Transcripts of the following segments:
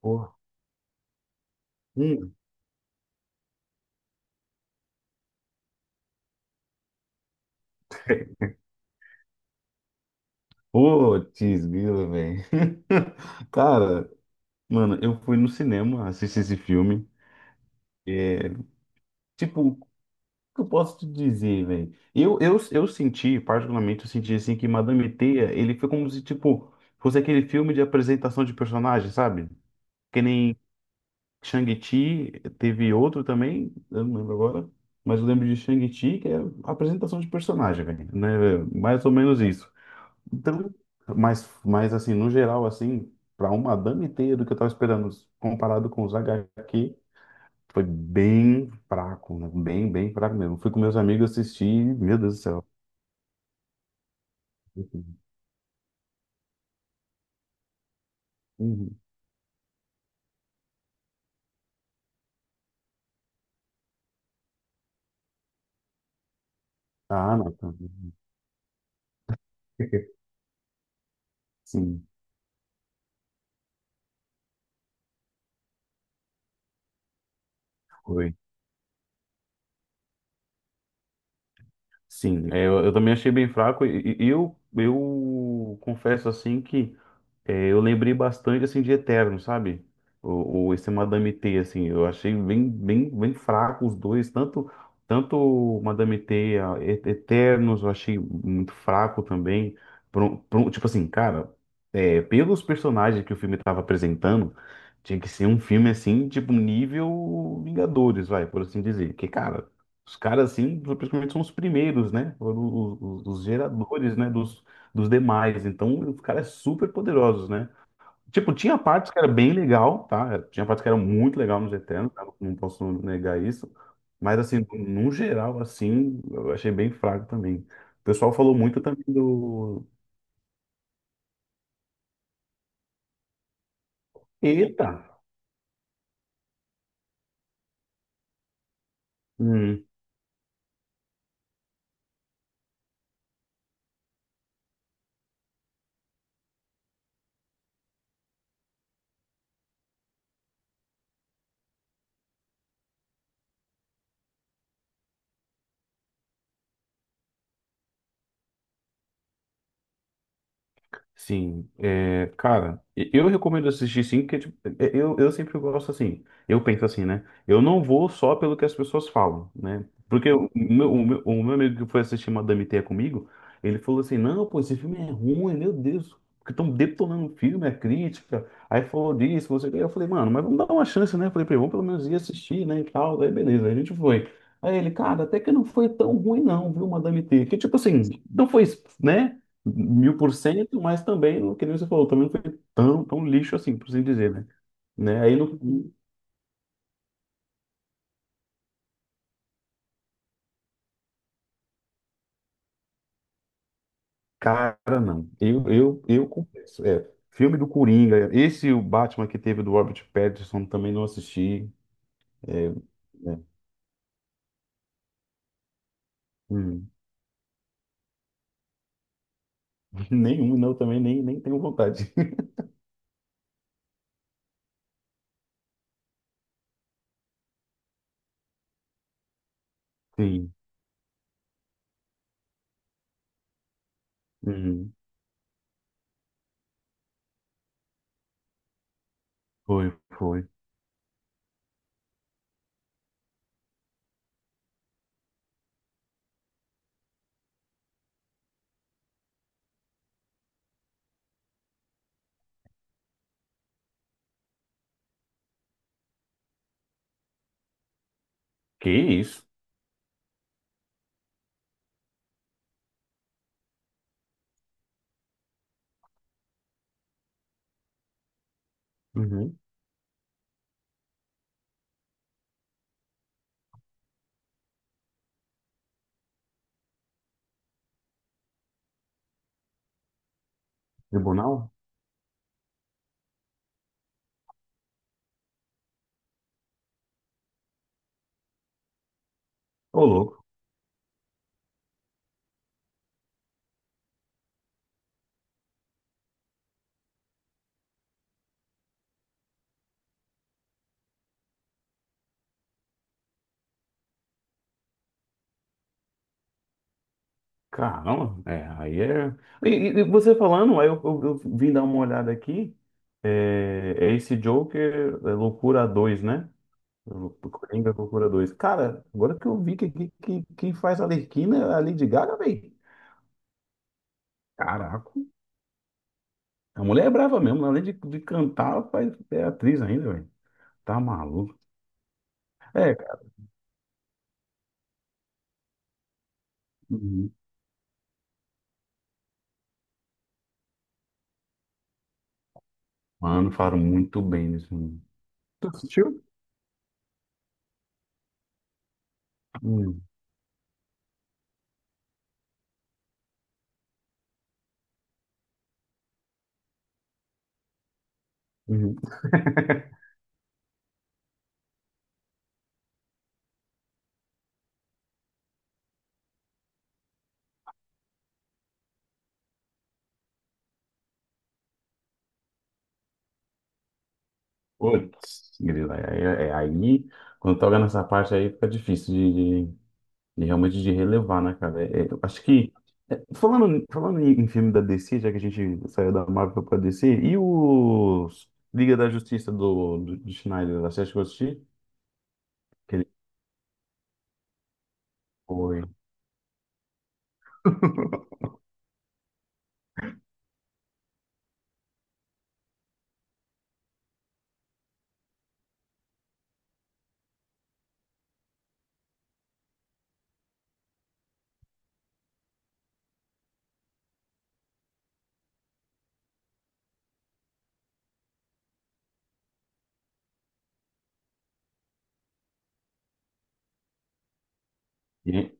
Pô, hum, putz, grila, velho. Cara, mano, eu fui no cinema assistir esse filme. Tipo, o que eu posso te dizer, velho? Eu senti, particularmente, eu senti assim que Madame Teia, ele foi como se, tipo, fosse aquele filme de apresentação de personagem, sabe? Que nem Shang-Chi, teve outro também, eu não lembro agora, mas eu lembro de Shang-Chi, que é apresentação de personagem, velho, né? Velho? Mais ou menos isso. Então, mas assim, no geral, assim, para um madame ter do que eu tava esperando, comparado com os H HQ, foi bem fraco, né? Bem fraco mesmo. Fui com meus amigos assistir, meu Deus do céu. Uhum. Ah, não. Tá. Sim, foi. Sim, é, eu também achei bem fraco e, e eu confesso assim que eu lembrei bastante assim de Eterno, sabe? O esse Madame T, assim, eu achei bem, bem fraco os dois, tanto Madame T, a Eternos, eu achei muito fraco também. Tipo assim, cara, pelos personagens que o filme estava apresentando, tinha que ser um filme assim, tipo nível Vingadores, vai, por assim dizer. Que cara os caras, assim, principalmente são os primeiros, né? Foram os geradores, né? Dos demais. Então, os caras super poderosos, né? Tipo, tinha partes que era bem legal, tá? Tinha partes que era muito legal nos Eternos, tá? Não posso negar isso. Mas, assim, no geral, assim, eu achei bem fraco também. O pessoal falou muito também do... Eita! Hum. Sim, é, cara, eu recomendo assistir sim, porque tipo, eu sempre gosto assim, eu penso assim, né? Eu não vou só pelo que as pessoas falam, né? Porque o meu amigo que foi assistir Madame Teia comigo, ele falou assim, não, pô, esse filme é ruim, meu Deus, porque estão detonando o filme, a crítica, aí falou disso, você... Eu falei, mano, mas vamos dar uma chance, né? Eu falei pra ele, vamos pelo menos ir assistir, né, e tal, aí beleza, aí a gente foi. Aí ele, cara, até que não foi tão ruim não, viu, Madame Teia, que tipo assim, não foi, né? 100 por cento, mas também, que nem você falou, também não foi tão lixo assim, por assim dizer, né? Né? Aí no cara, não. Eu confesso. É, filme do Coringa, esse o Batman que teve do Robert Pattinson também não assisti. É, é, hum, nenhum, não, também nem tenho vontade. Sim. Uhum. Foi, foi. Que isso? Uhum. Tribunal? Ô, louco. Caramba, é, aí é. E, e você falando, aí eu, eu vim dar uma olhada aqui. É, é esse Joker, é Loucura 2, né? Coringa Loucura 2. Cara, agora que eu vi que, quem faz a Arlequina é a Lady Gaga, velho. Caraca, a mulher é brava mesmo, além de cantar, ela faz, é atriz ainda, velho. Tá maluco. É, cara. Uhum. Mano, falaram muito bem nesse filme. Tu assistiu? Uhum. Uhum. Putz, grilo, aí, aí, quando toca nessa parte aí, fica difícil de, de realmente de relevar, né, cara? É, é, eu acho que, falando em, em filme da DC, já que a gente saiu da Marvel pra DC, e os Liga da Justiça do Schneider, você acha que eu assisti? Que ele foi... E-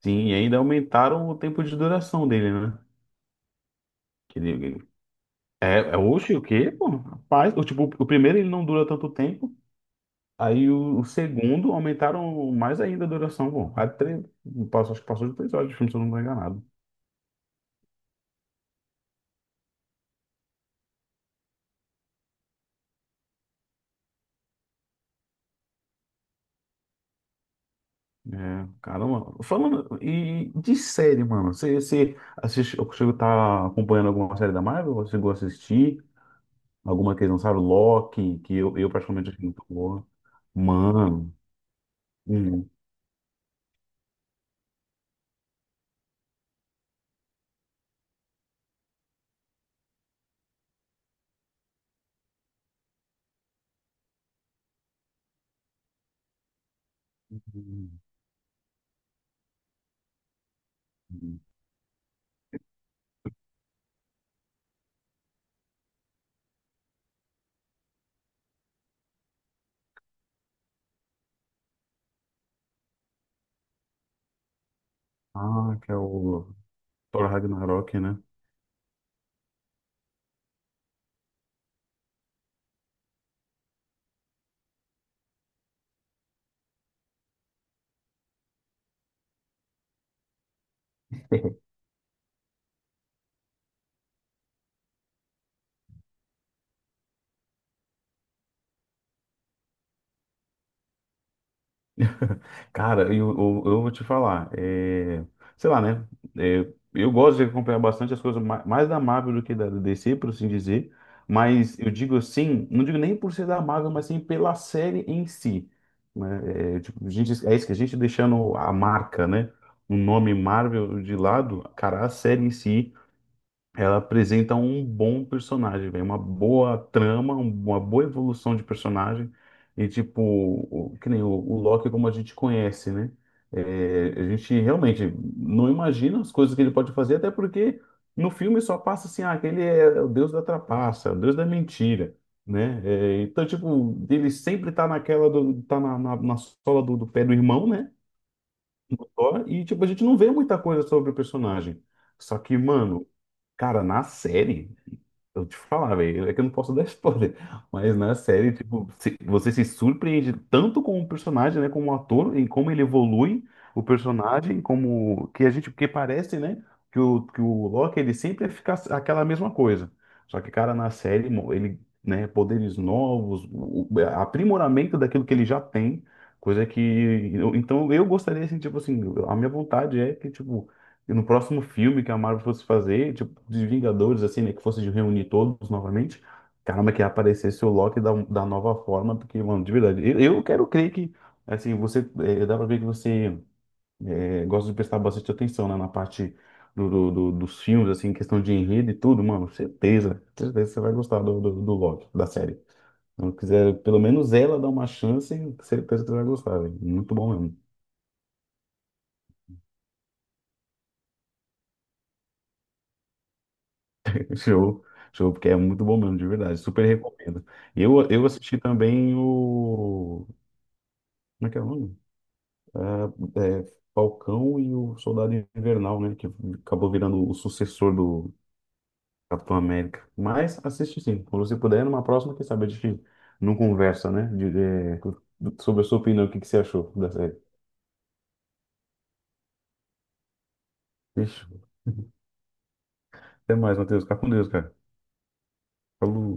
sim, e ainda aumentaram o tempo de duração dele, né? Que ele, é, é, oxe, o quê, pô? Rapaz, o, tipo, o primeiro ele não dura tanto tempo, aí o segundo aumentaram mais ainda a duração. Bom, quase três, acho que passou de 3 horas de filme, se eu não estou enganado. É, caramba. Falando e de série, mano. Você assiste, eu consigo tá acompanhando alguma série da Marvel? Você chegou a assistir? Alguma que eles lançaram? Loki, que eu praticamente achei muito boa. Mano. Hum. Hum. Hum. Ah, que é o Thor Ragnarok, né? Cara, eu vou te falar, sei lá, né? é, eu gosto de acompanhar bastante as coisas mais da Marvel do que da DC, por assim dizer. Mas eu digo assim, não digo nem por ser da Marvel, mas sim pela série em si. Né? É, tipo, a gente, é isso que a gente deixando a marca, né? O nome Marvel de lado, cara, a série em si. Ela apresenta um bom personagem, velho, uma boa trama, uma boa evolução de personagem. E, tipo, que nem o, o Loki, como a gente conhece, né? É, a gente realmente não imagina as coisas que ele pode fazer, até porque no filme só passa assim: ah, que ele é o deus da trapaça, o deus da mentira, né? É, então, tipo, ele sempre tá naquela, do, tá na, na sola do, do pé do irmão, né? Só e, tipo, a gente não vê muita coisa sobre o personagem. Só que, mano, cara, na série, eu te falar, velho, é que eu não posso dar spoiler, mas na série, tipo, você se surpreende tanto com o personagem, né, como o ator, em como ele evolui o personagem, como que a gente, porque parece, né, que o Loki, ele sempre fica aquela mesma coisa. Só que, cara, na série, ele, né, poderes novos, aprimoramento daquilo que ele já tem, coisa que então eu gostaria assim, tipo assim, a minha vontade é que tipo no próximo filme que a Marvel fosse fazer, tipo de Vingadores assim, né, que fosse de reunir todos novamente, caramba, que aparecesse o Loki da, da nova forma, porque mano, de verdade, eu quero crer que assim, você dá pra ver que você gosta de prestar bastante atenção, né, na parte do, dos filmes assim, questão de enredo e tudo, mano, certeza, certeza que você vai gostar do, do Loki da série. Não quiser, pelo menos ela dá uma chance, certeza que você vai gostar, velho. Muito bom mesmo. Show, show, porque é muito bom mesmo, de verdade. Super recomendo. Eu assisti também o. Como é que é o nome? É, Falcão e o Soldado Invernal, né? Que acabou virando o sucessor do Capitão América. Mas assiste sim, quando você puder, numa próxima, quem sabe a gente não conversa, né? De, sobre a sua opinião, o que que você achou da série. Fechou. Até mais, Matheus. Fica com Deus, cara. Falou.